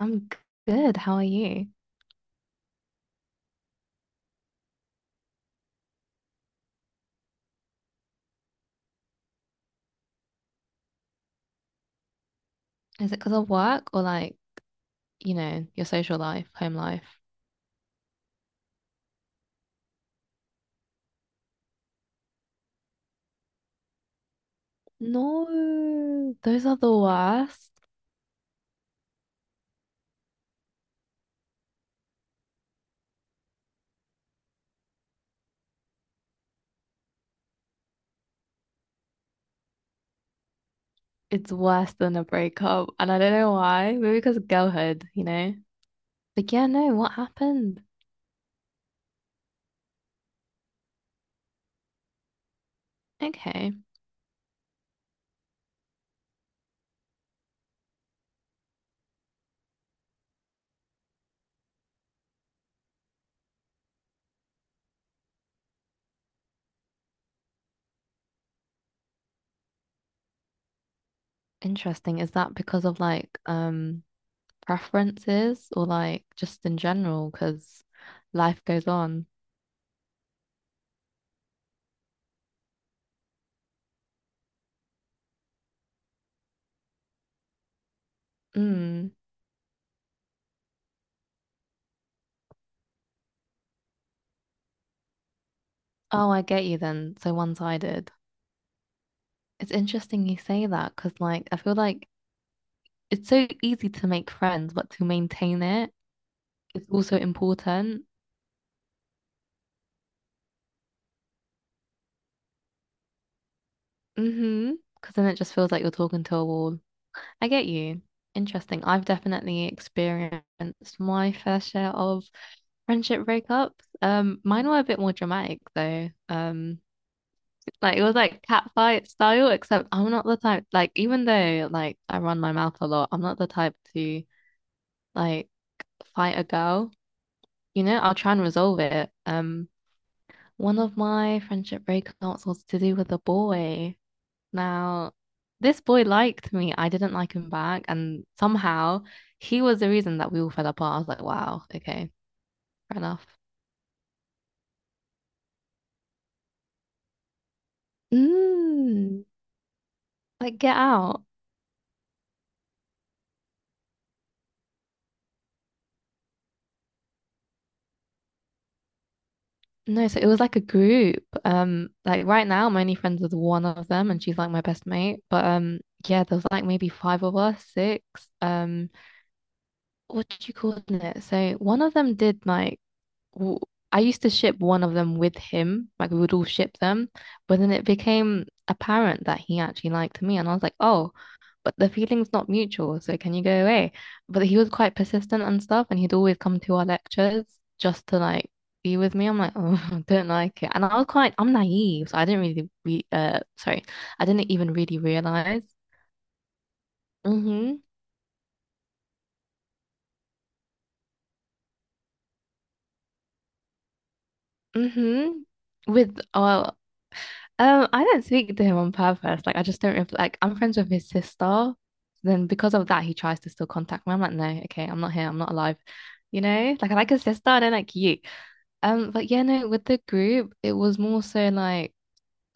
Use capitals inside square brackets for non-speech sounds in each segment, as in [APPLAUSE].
I'm good. How are you? Is it because of work or like, your social life, home life? No, those are the worst. It's worse than a breakup. And I don't know why. Maybe because of girlhood, you know? But yeah, no, what happened? Okay. Interesting. Is that because of like preferences or like just in general? Because life goes on. Mm. Oh, I get you then. So one-sided. It's interesting you say that because like I feel like it's so easy to make friends, but to maintain it is also important. Mm-hmm. Because then it just feels like you're talking to a wall. I get you. Interesting. I've definitely experienced my fair share of friendship breakups. Mine were a bit more dramatic though. Like it was like catfight style, except I'm not the type like even though like I run my mouth a lot, I'm not the type to like fight a girl. You know, I'll try and resolve it. One of my friendship breakups was to do with a boy. Now, this boy liked me. I didn't like him back. And somehow he was the reason that we all fell apart. I was like, wow, okay, fair enough. Mm, like, get out. No, so it was like a group. Like right now, I'm only friends with one of them, and she's like my best mate. But yeah, there was like maybe five of us, six. Um, what do you call it? So one of them did like w- I used to ship one of them with him, like we would all ship them, but then it became apparent that he actually liked me, and I was like, oh, but the feeling's not mutual, so can you go away? But he was quite persistent and stuff, and he'd always come to our lectures just to like be with me. I'm like, oh, [LAUGHS] I don't like it, and I'm naive, so I didn't really re sorry, I didn't even really realize. Mm-hmm. Mm-hmm. With I don't speak to him on purpose. Like, I just don't ref like I'm friends with his sister. Then because of that, he tries to still contact me. I'm like, no, okay, I'm not here. I'm not alive. You know, like I like his sister. I don't like you. But yeah, no, with the group, it was more so like,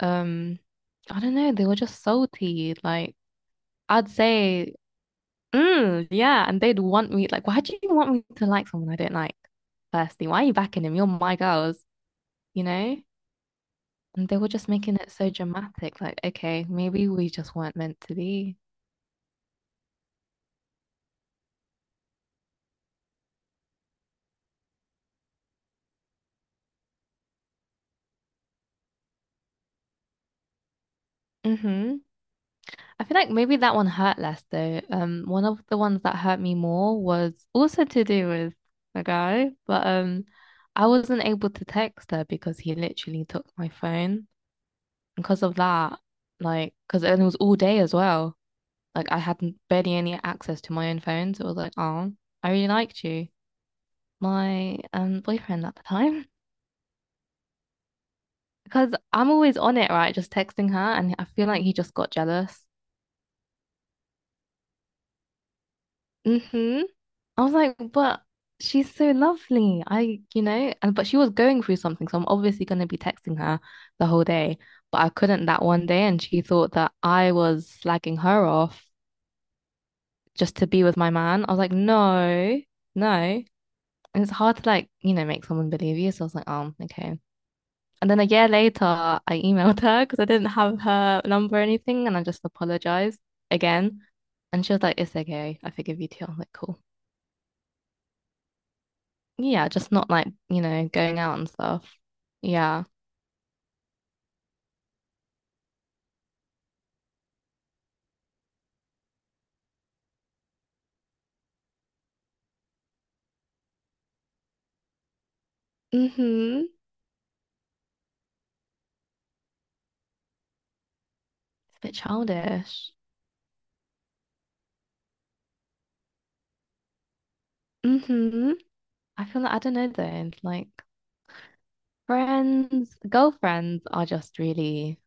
um, I don't know. They were just salty. Like I'd say, yeah, and they'd want me. Like, why do you want me to like someone I don't like? Firstly, why are you backing him? You're my girls. You know. And they were just making it so dramatic. Like, okay, maybe we just weren't meant to be. Mm-hmm. I feel like maybe that one hurt less though. One of the ones that hurt me more was also to do with a guy, but I wasn't able to text her because he literally took my phone because of that, like, because it was all day as well. Like, I had barely any access to my own phone, so it was like, oh, I really liked you, my boyfriend at the time, [LAUGHS] because I'm always on it, right? Just texting her, and I feel like he just got jealous. hmm I was like, but she's so lovely. I, you know, and but she was going through something, so I'm obviously going to be texting her the whole day. But I couldn't that one day, and she thought that I was slagging her off just to be with my man. I was like, no, no. And it's hard to like, make someone believe you. So I was like, oh, okay. And then a year later, I emailed her because I didn't have her number or anything, and I just apologized again. And she was like, it's okay. I forgive you too. I was like, cool. Yeah, just not like, going out and stuff. Yeah. Mm-hmm. It's a bit childish. Mm-hmm. I feel like I don't know though. Like friends, girlfriends are just really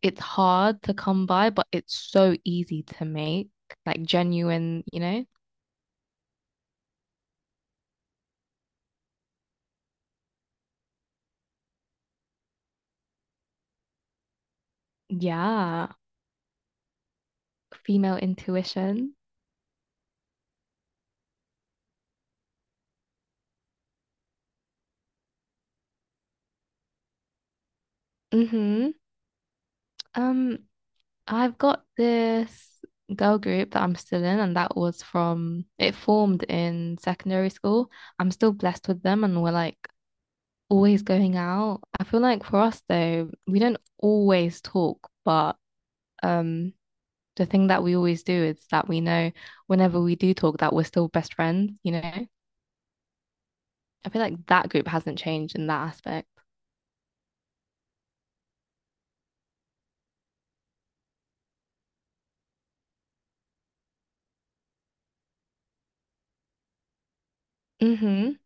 it's hard to come by, but it's so easy to make, like genuine, you know? Yeah, female intuition. Mm-hmm. Um, I've got this girl group that I'm still in, and that was from it formed in secondary school. I'm still blessed with them, and we're like always going out. I feel like for us though, we don't always talk, but um, the thing that we always do is that we know whenever we do talk that we're still best friends, you know? I feel like that group hasn't changed in that aspect. Mm-hmm.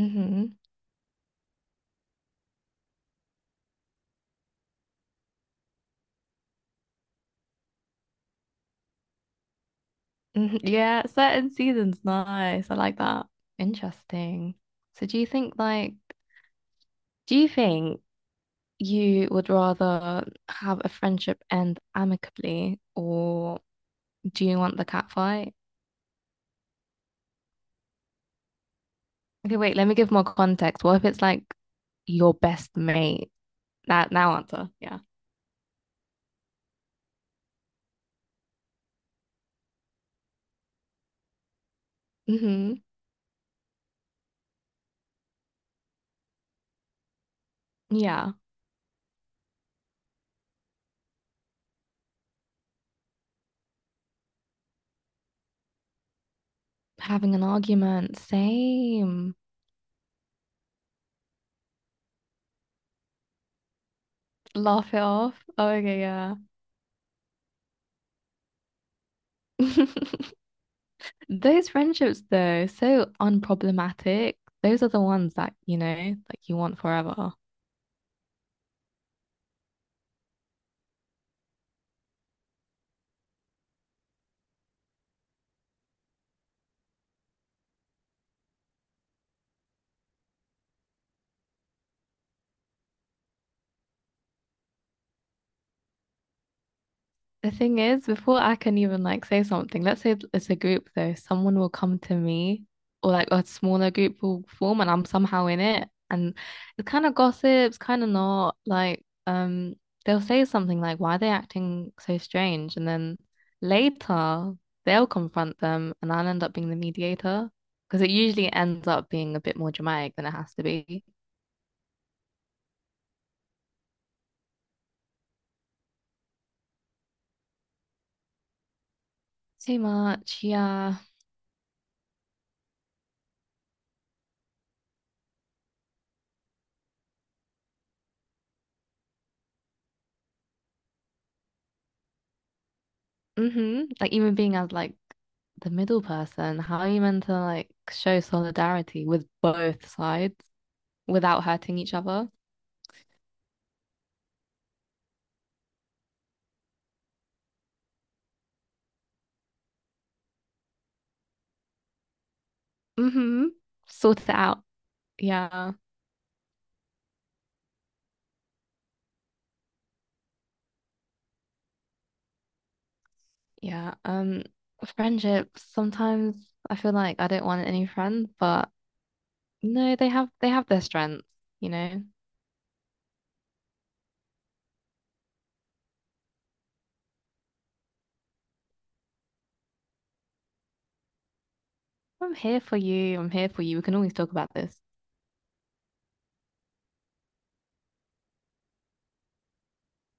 Mm-hmm. Yeah, certain seasons. Nice. I like that. Interesting. So do you think you would rather have a friendship end amicably or do you want the cat fight? Okay, wait, let me give more context. What if it's like your best mate? That now answer. Yeah. Mm-hmm. Yeah. Having an argument. Same. Laugh it off. Oh, okay, yeah. [LAUGHS] Those friendships, though, so unproblematic. Those are the ones that, like you want forever. The thing is, before I can even like say something, let's say it's a group though, someone will come to me or like a smaller group will form and I'm somehow in it. And it's kind of gossips, kind of not like they'll say something like, Why are they acting so strange? And then later they'll confront them and I'll end up being the mediator. Because it usually ends up being a bit more dramatic than it has to be. Too much, yeah. Mm-hmm. Like even being as like the middle person, how are you meant to like show solidarity with both sides without hurting each other? Mm-hmm. Sort it out. Yeah. Yeah. Friendships, sometimes I feel like I don't want any friends, but no, they have their strengths, you know. I'm here for you. I'm here for you. We can always talk about this.